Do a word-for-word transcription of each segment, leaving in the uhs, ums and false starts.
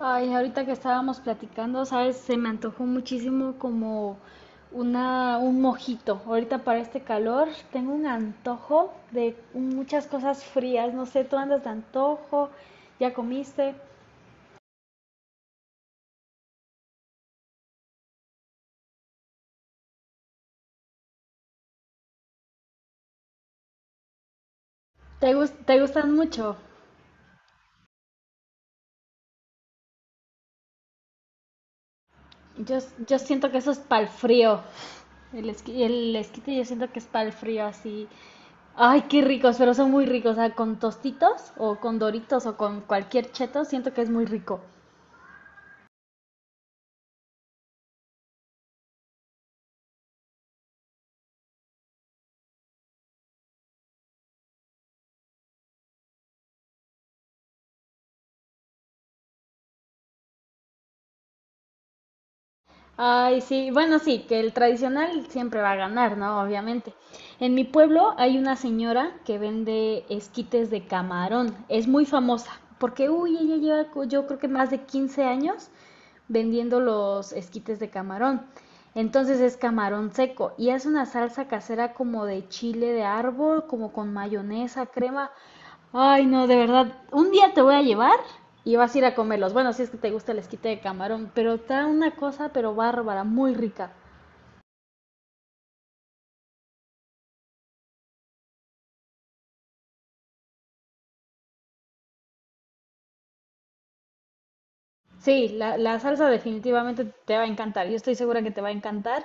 Ay, ahorita que estábamos platicando, sabes, se me antojó muchísimo como una, un mojito. Ahorita para este calor tengo un antojo de muchas cosas frías. No sé, tú andas de antojo, ya comiste. ¿Te, gus- Te gustan mucho? Yo, yo siento que eso es para el frío. El, esqui- el esquite yo siento que es para el frío así. Ay, qué ricos, pero son muy ricos. O sea, con tostitos o con doritos o con cualquier cheto, siento que es muy rico. Ay, sí, bueno, sí, que el tradicional siempre va a ganar, ¿no? Obviamente. En mi pueblo hay una señora que vende esquites de camarón, es muy famosa, porque, uy, ella lleva co- yo creo que más de quince años vendiendo los esquites de camarón. Entonces es camarón seco y hace una salsa casera como de chile de árbol, como con mayonesa, crema. Ay, no, de verdad. Un día te voy a llevar y vas a ir a comerlos. Bueno, si es que te gusta el esquite de camarón, pero está una cosa, pero bárbara, muy rica. Sí, la, la salsa definitivamente te va a encantar. Yo estoy segura que te va a encantar.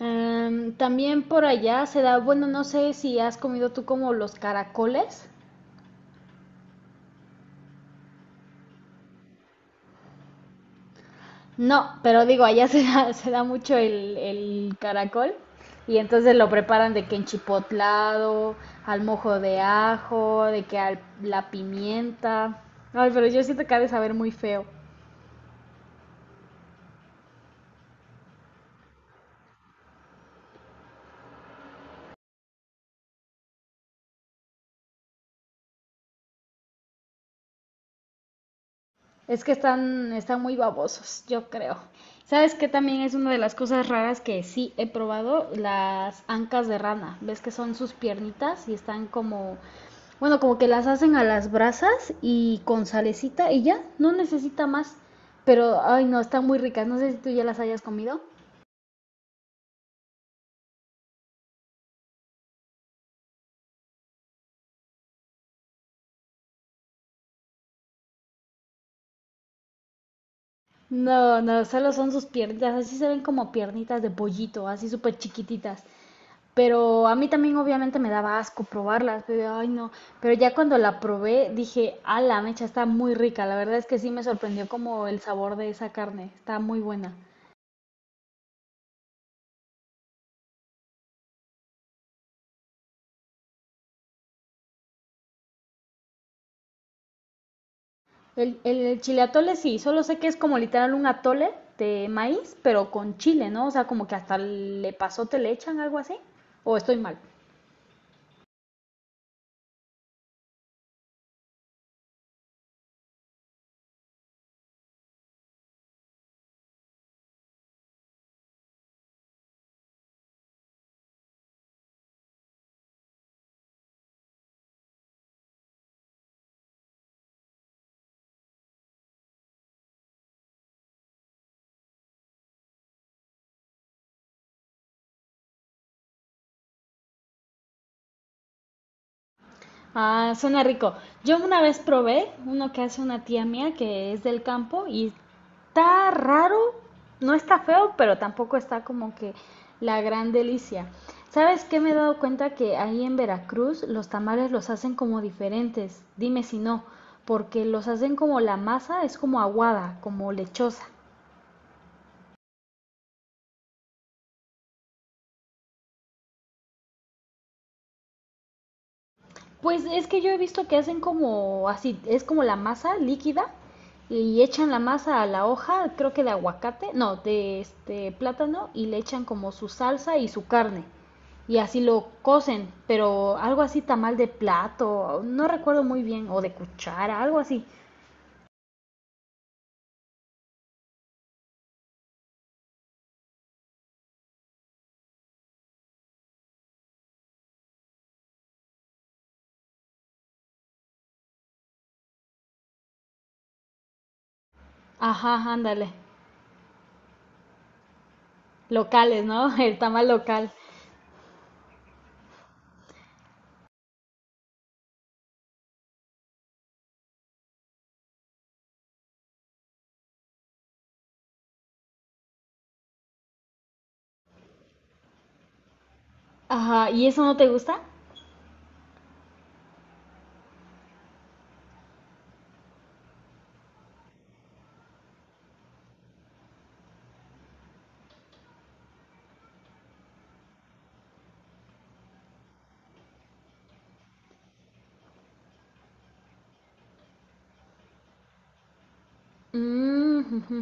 Em, también por allá se da, bueno, no sé si has comido tú como los caracoles. No, pero digo, allá se da, se da mucho el, el caracol y entonces lo preparan de que en chipotlado, al mojo de ajo, de que al, la pimienta. Ay, pero yo siento que ha de saber muy feo. Es que están, están muy babosos, yo creo. ¿Sabes qué también es una de las cosas raras que sí he probado? Las ancas de rana. ¿Ves que son sus piernitas y están como, bueno, como que las hacen a las brasas y con salecita y ya, no necesita más. Pero, ay, no, están muy ricas. No sé si tú ya las hayas comido. No, no, solo son sus piernitas. Así se ven como piernitas de pollito, así súper chiquititas. Pero a mí también obviamente me daba asco probarlas, pero ay no, pero ya cuando la probé dije, a la mecha está muy rica, la verdad es que sí me sorprendió como el sabor de esa carne, está muy buena. El, el, el chile atole sí, solo sé que es como literal un atole de maíz, pero con chile, ¿no? O sea, como que hasta le pasote le echan algo así, o estoy mal. Ah, suena rico. Yo una vez probé uno que hace una tía mía que es del campo y está raro, no está feo, pero tampoco está como que la gran delicia. ¿Sabes qué? Me he dado cuenta que ahí en Veracruz los tamales los hacen como diferentes. Dime si no, porque los hacen como la masa es como aguada, como lechosa. Pues es que yo he visto que hacen como así, es como la masa líquida y echan la masa a la hoja, creo que de aguacate, no, de este plátano y le echan como su salsa y su carne y así lo cocen, pero algo así tamal de plato, no recuerdo muy bien, o de cuchara, algo así. Ajá, ándale. Locales, ¿no? El tamal local. Ajá, ¿y eso no te gusta? Mm, ujú.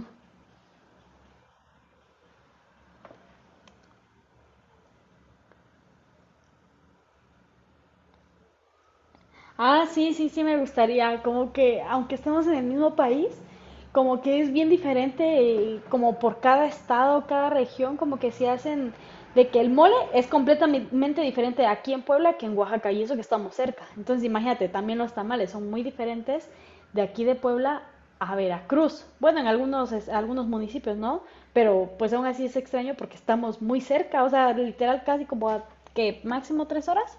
Ah, sí, sí, sí, me gustaría. Como que, aunque estemos en el mismo país, como que es bien diferente, y como por cada estado, cada región, como que se hacen de que el mole es completamente diferente aquí en Puebla que en Oaxaca, y eso que estamos cerca. Entonces, imagínate, también los tamales son muy diferentes de aquí de Puebla a Veracruz. Bueno, en algunos, es- algunos municipios, ¿no? Pero pues aún así es extraño porque estamos muy cerca, o sea, literal casi como a que máximo tres horas.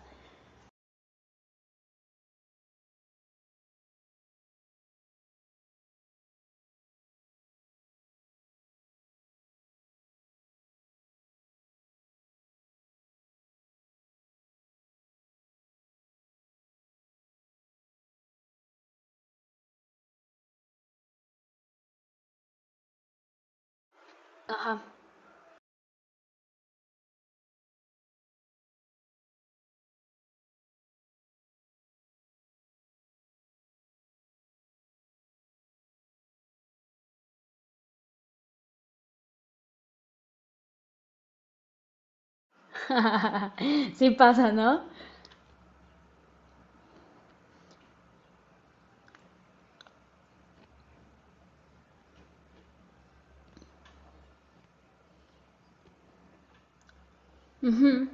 Ajá. Sí pasa, ¿no? Ujú.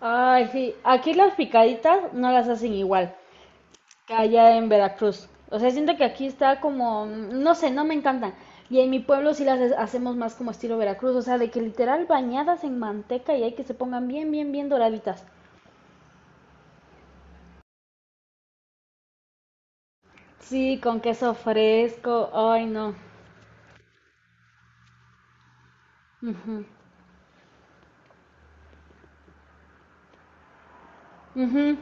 Ay, sí. Aquí las picaditas no las hacen igual que allá en Veracruz. O sea, siento que aquí está como, no sé, no me encantan. Y en mi pueblo sí las ha- hacemos más como estilo Veracruz, o sea, de que literal bañadas en manteca y hay que se pongan bien, bien, bien doraditas. Sí, con queso fresco. Ay, no. Ujú. Ujú.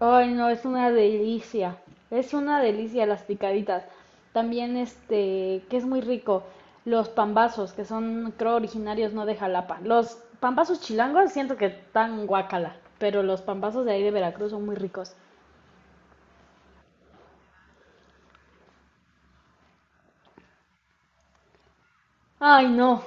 Ay, no, es una delicia. Es una delicia las picaditas. También este, que es muy rico, los pambazos, que son, creo, originarios no de Jalapa. Los pambazos chilangos siento que están guacala, pero los pambazos de ahí de Veracruz son muy ricos. Ay, no.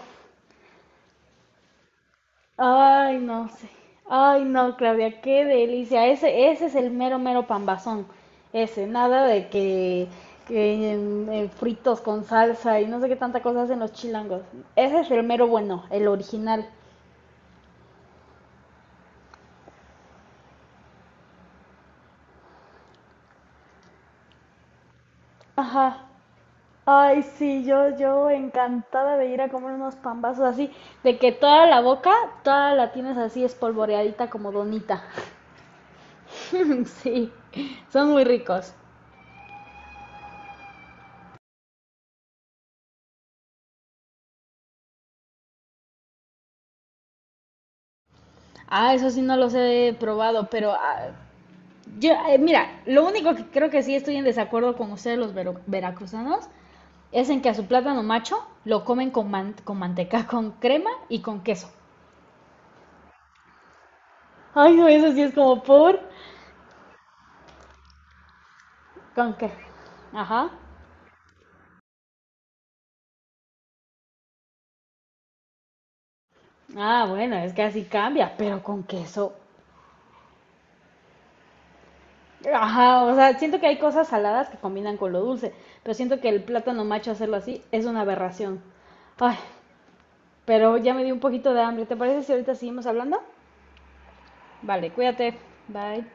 Ay, no sé. Ay, no, Claudia, qué delicia. Ese, ese es el mero, mero pambazón. Ese, nada de que, que en- en fritos con salsa y no sé qué tanta cosa hacen los chilangos. Ese es el mero bueno, el original. Ajá. Ay, sí, yo, yo encantada de ir a comer unos pambazos así, de que toda la boca, toda la tienes así espolvoreadita como donita. Sí, son muy ricos. Ah, eso sí no los he probado, pero ah, Yo, eh, mira, lo único que creo que sí estoy en desacuerdo con ustedes los vero- veracruzanos es en que a su plátano macho lo comen con, man- con manteca, con crema y con queso. Ay, no, eso sí es como por... ¿Con qué? Ajá. Ah, bueno, es que así cambia, pero con queso. Ajá, o sea, siento que hay cosas saladas que combinan con lo dulce, pero siento que el plátano macho hacerlo así es una aberración. Ay, pero ya me dio un poquito de hambre. ¿Te parece si ahorita seguimos hablando? Vale, cuídate. Bye.